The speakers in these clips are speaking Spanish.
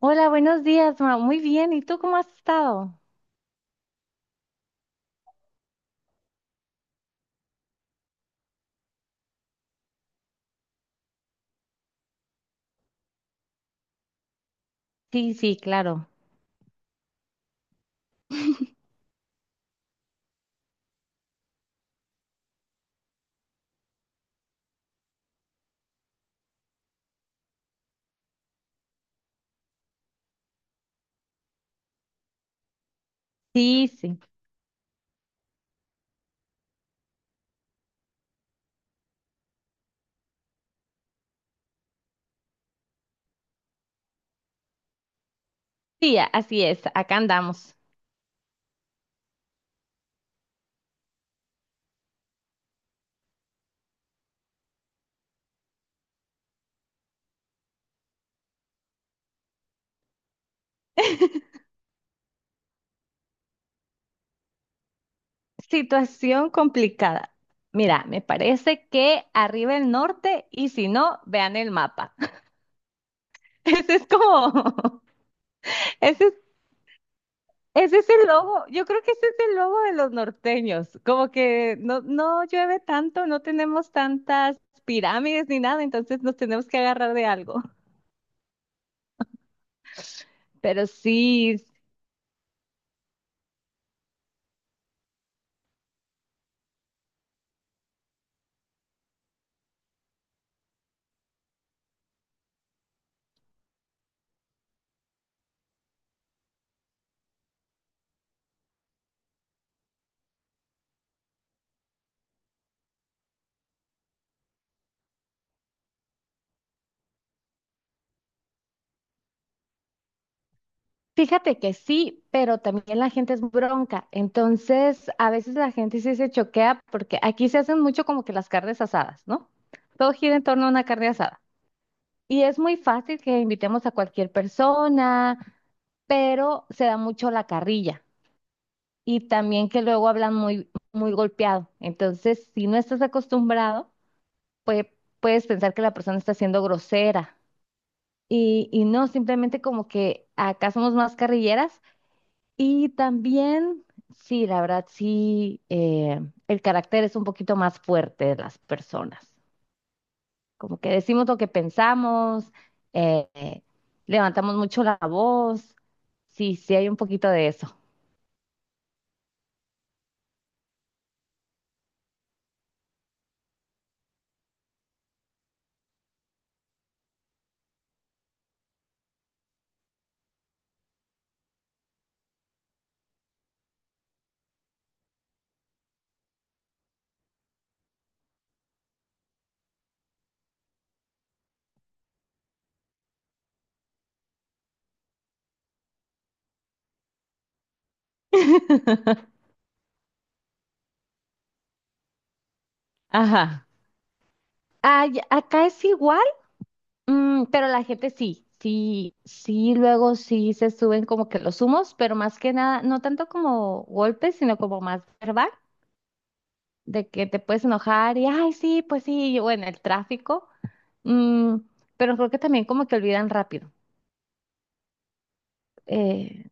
Hola, buenos días, ma. Muy bien. ¿Y tú cómo has estado? Sí, sí, claro. Sí, sí. Sí, así es. Acá andamos. Situación complicada. Mira, me parece que arriba el norte y si no, vean el mapa. Ese es como, ese es, ese es el logo. Yo creo que ese es el logo de los norteños. Como que no llueve tanto, no tenemos tantas pirámides ni nada, entonces nos tenemos que agarrar de algo. Pero sí. Fíjate que sí, pero también la gente es bronca. Entonces, a veces la gente sí se choquea porque aquí se hacen mucho como que las carnes asadas, ¿no? Todo gira en torno a una carne asada. Y es muy fácil que invitemos a cualquier persona, pero se da mucho la carrilla. Y también que luego hablan muy, muy golpeado. Entonces, si no estás acostumbrado, pues puedes pensar que la persona está siendo grosera. Y no, simplemente como que acá somos más carrilleras. Y también, sí, la verdad, sí, el carácter es un poquito más fuerte de las personas. Como que decimos lo que pensamos, eh, eh, levantamos mucho la voz. Sí, sí, hay un poquito de eso. Ajá. Ay, acá es igual, mm, pero la gente sí, sí, sí, luego sí se suben como que los humos, pero más que nada, no tanto como golpes, sino como más verbal. De que te puedes enojar y, ay, sí, pues sí, yo, bueno, el tráfico, mm, pero creo que también como que olvidan rápido. Eh,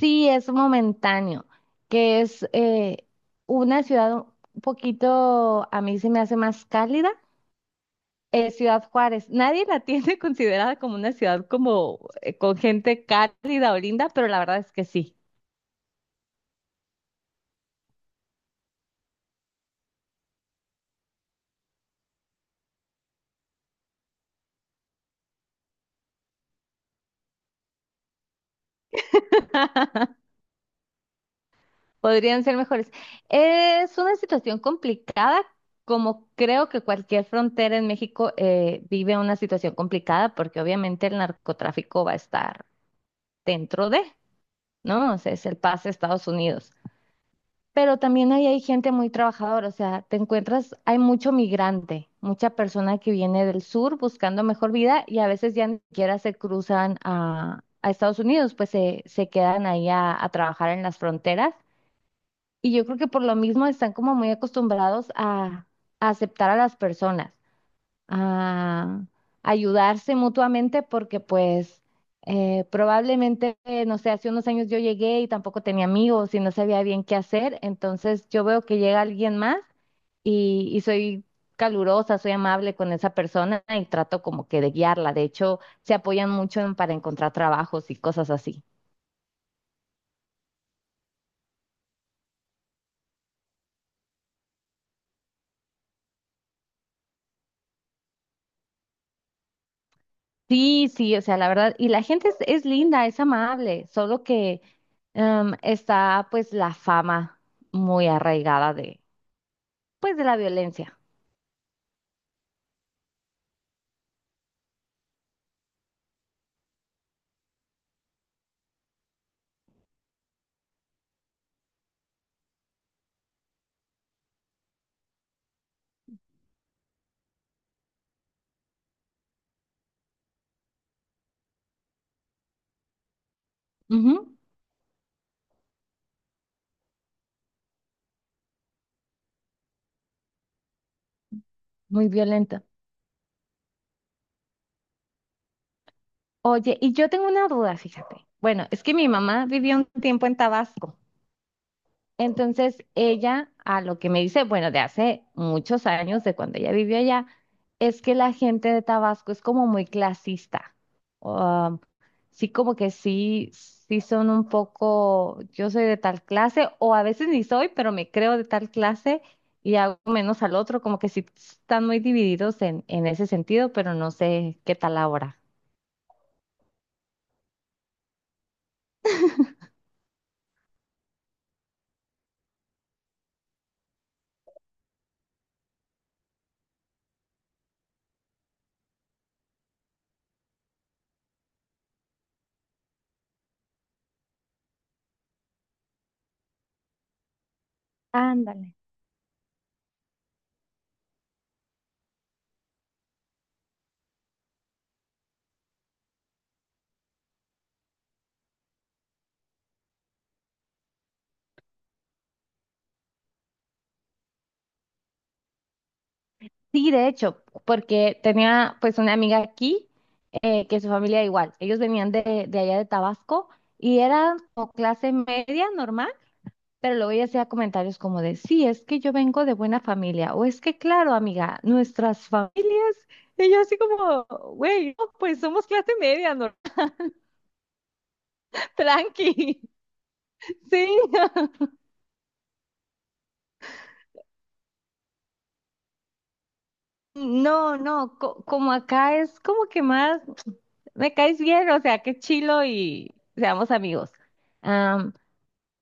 sí, es momentáneo, que es una ciudad un poquito, a mí se me hace más cálida, Ciudad Juárez. Nadie la tiene considerada como una ciudad como con gente cálida o linda, pero la verdad es que sí. Podrían ser mejores. Es una situación complicada, como creo que cualquier frontera en México vive una situación complicada, porque obviamente el narcotráfico va a estar dentro de, ¿no? O sea, es el pase a Estados Unidos. Pero también ahí hay gente muy trabajadora, o sea, te encuentras, hay mucho migrante, mucha persona que viene del sur buscando mejor vida y a veces ya ni siquiera se cruzan a Estados Unidos, pues se quedan ahí a trabajar en las fronteras y yo creo que por lo mismo están como muy acostumbrados a aceptar a las personas, a ayudarse mutuamente, porque pues probablemente, no sé, hace unos años yo llegué y tampoco tenía amigos y no sabía bien qué hacer, entonces yo veo que llega alguien más y soy calurosa, soy amable con esa persona y trato como que de guiarla. De hecho, se apoyan mucho para encontrar trabajos y cosas así. Sí, sí, o sea, la verdad, y la gente es linda, es amable, solo que está pues la fama muy arraigada de, pues de la violencia. Ujú, muy violenta. Oye, y yo tengo una duda, fíjate. Bueno, es que mi mamá vivió un tiempo en Tabasco. Entonces ella, a lo que me dice, bueno, de hace muchos años, de cuando ella vivió allá, es que la gente de Tabasco es como muy clasista. Um, sí, como que sí, sí son un poco, yo soy de tal clase, o a veces ni soy, pero me creo de tal clase y hago menos al otro, como que sí están muy divididos en ese sentido, pero no sé qué tal ahora. Ándale. Sí, de hecho, porque tenía pues una amiga aquí que su familia igual, ellos venían de allá de Tabasco y eran como clase media normal, pero luego ella hacía comentarios como de, sí, es que yo vengo de buena familia, o es que claro, amiga, nuestras familias, y yo así como, güey, no, pues somos clase media normal, tranqui, sí. No, como acá es como que más, me caes bien, o sea, qué chilo y seamos amigos.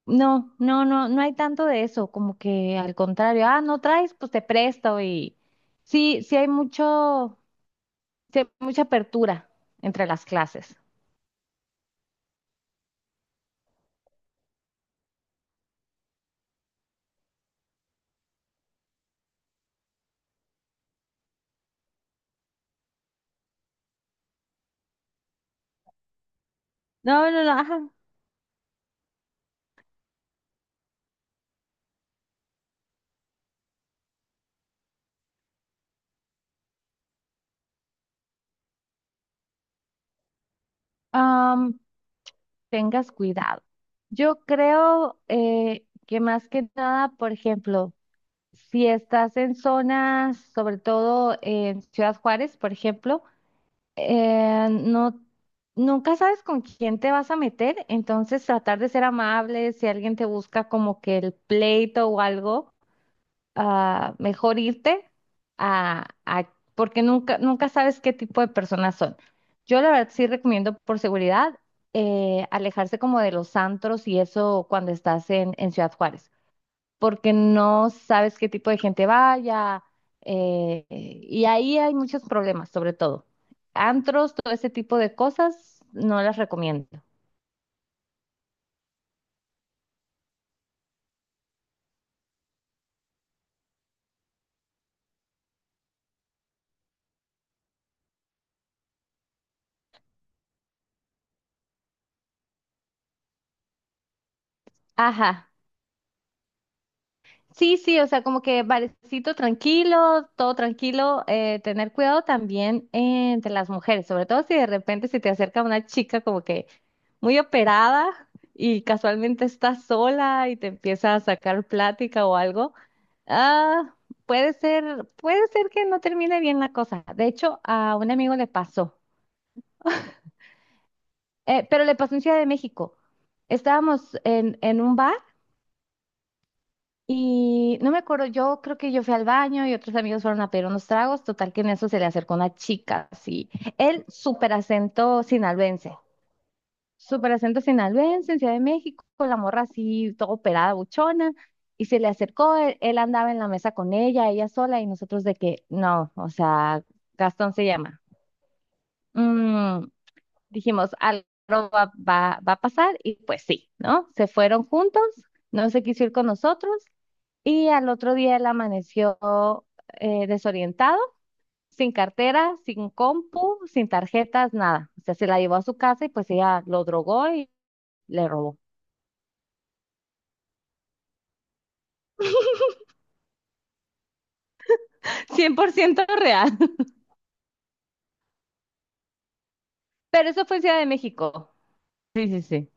No, no, no, no hay tanto de eso, como que al contrario, ah, no traes, pues te presto y sí, sí hay mucho, sí hay mucha apertura entre las clases. No, no, no, ajá. Am, Tengas cuidado. Yo creo que más que nada, por ejemplo, si estás en zonas, sobre todo en Ciudad Juárez, por ejemplo, no, nunca sabes con quién te vas a meter, entonces tratar de ser amable, si alguien te busca como que el pleito o algo, ah, mejor irte porque nunca, nunca sabes qué tipo de personas son. Yo la verdad sí recomiendo por seguridad alejarse como de los antros y eso cuando estás en Ciudad Juárez porque no sabes qué tipo de gente vaya, y ahí hay muchos problemas, sobre todo. Antros, todo ese tipo de cosas, no las recomiendo. Ajá, sí, sí, o sea, como que barecito tranquilo, todo tranquilo, tener cuidado también entre las mujeres, sobre todo si de repente se te acerca una chica como que muy operada y casualmente estás sola y te empieza a sacar plática o algo, ah, puede ser que no termine bien la cosa. De hecho, a un amigo le pasó, pero le pasó en Ciudad de México. Estábamos en un bar. Y no me acuerdo, yo creo que yo fui al baño y otros amigos fueron a pedir unos tragos. Total que en eso se le acercó una chica, así. El súper acento sinaloense. Súper acento sinaloense en Ciudad de México, con la morra así, todo operada, buchona. Y se le acercó, él andaba en la mesa con ella, ella sola, y nosotros de que, no, o sea, Gastón se llama. Mm, dijimos, algo va, va a pasar, y pues sí, ¿no? Se fueron juntos, no se quiso ir con nosotros. Y al otro día él amaneció desorientado, sin cartera, sin compu, sin tarjetas, nada. O sea, se la llevó a su casa y pues ella lo drogó y le robó. 100% real. Pero eso fue en Ciudad de México. Sí, sí, sí.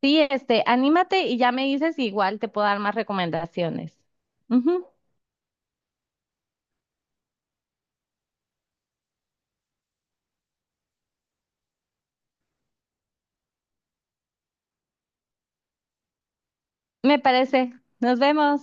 Sí, este, anímate y ya me dices, igual te puedo dar más recomendaciones. Ujú, me parece. Nos vemos.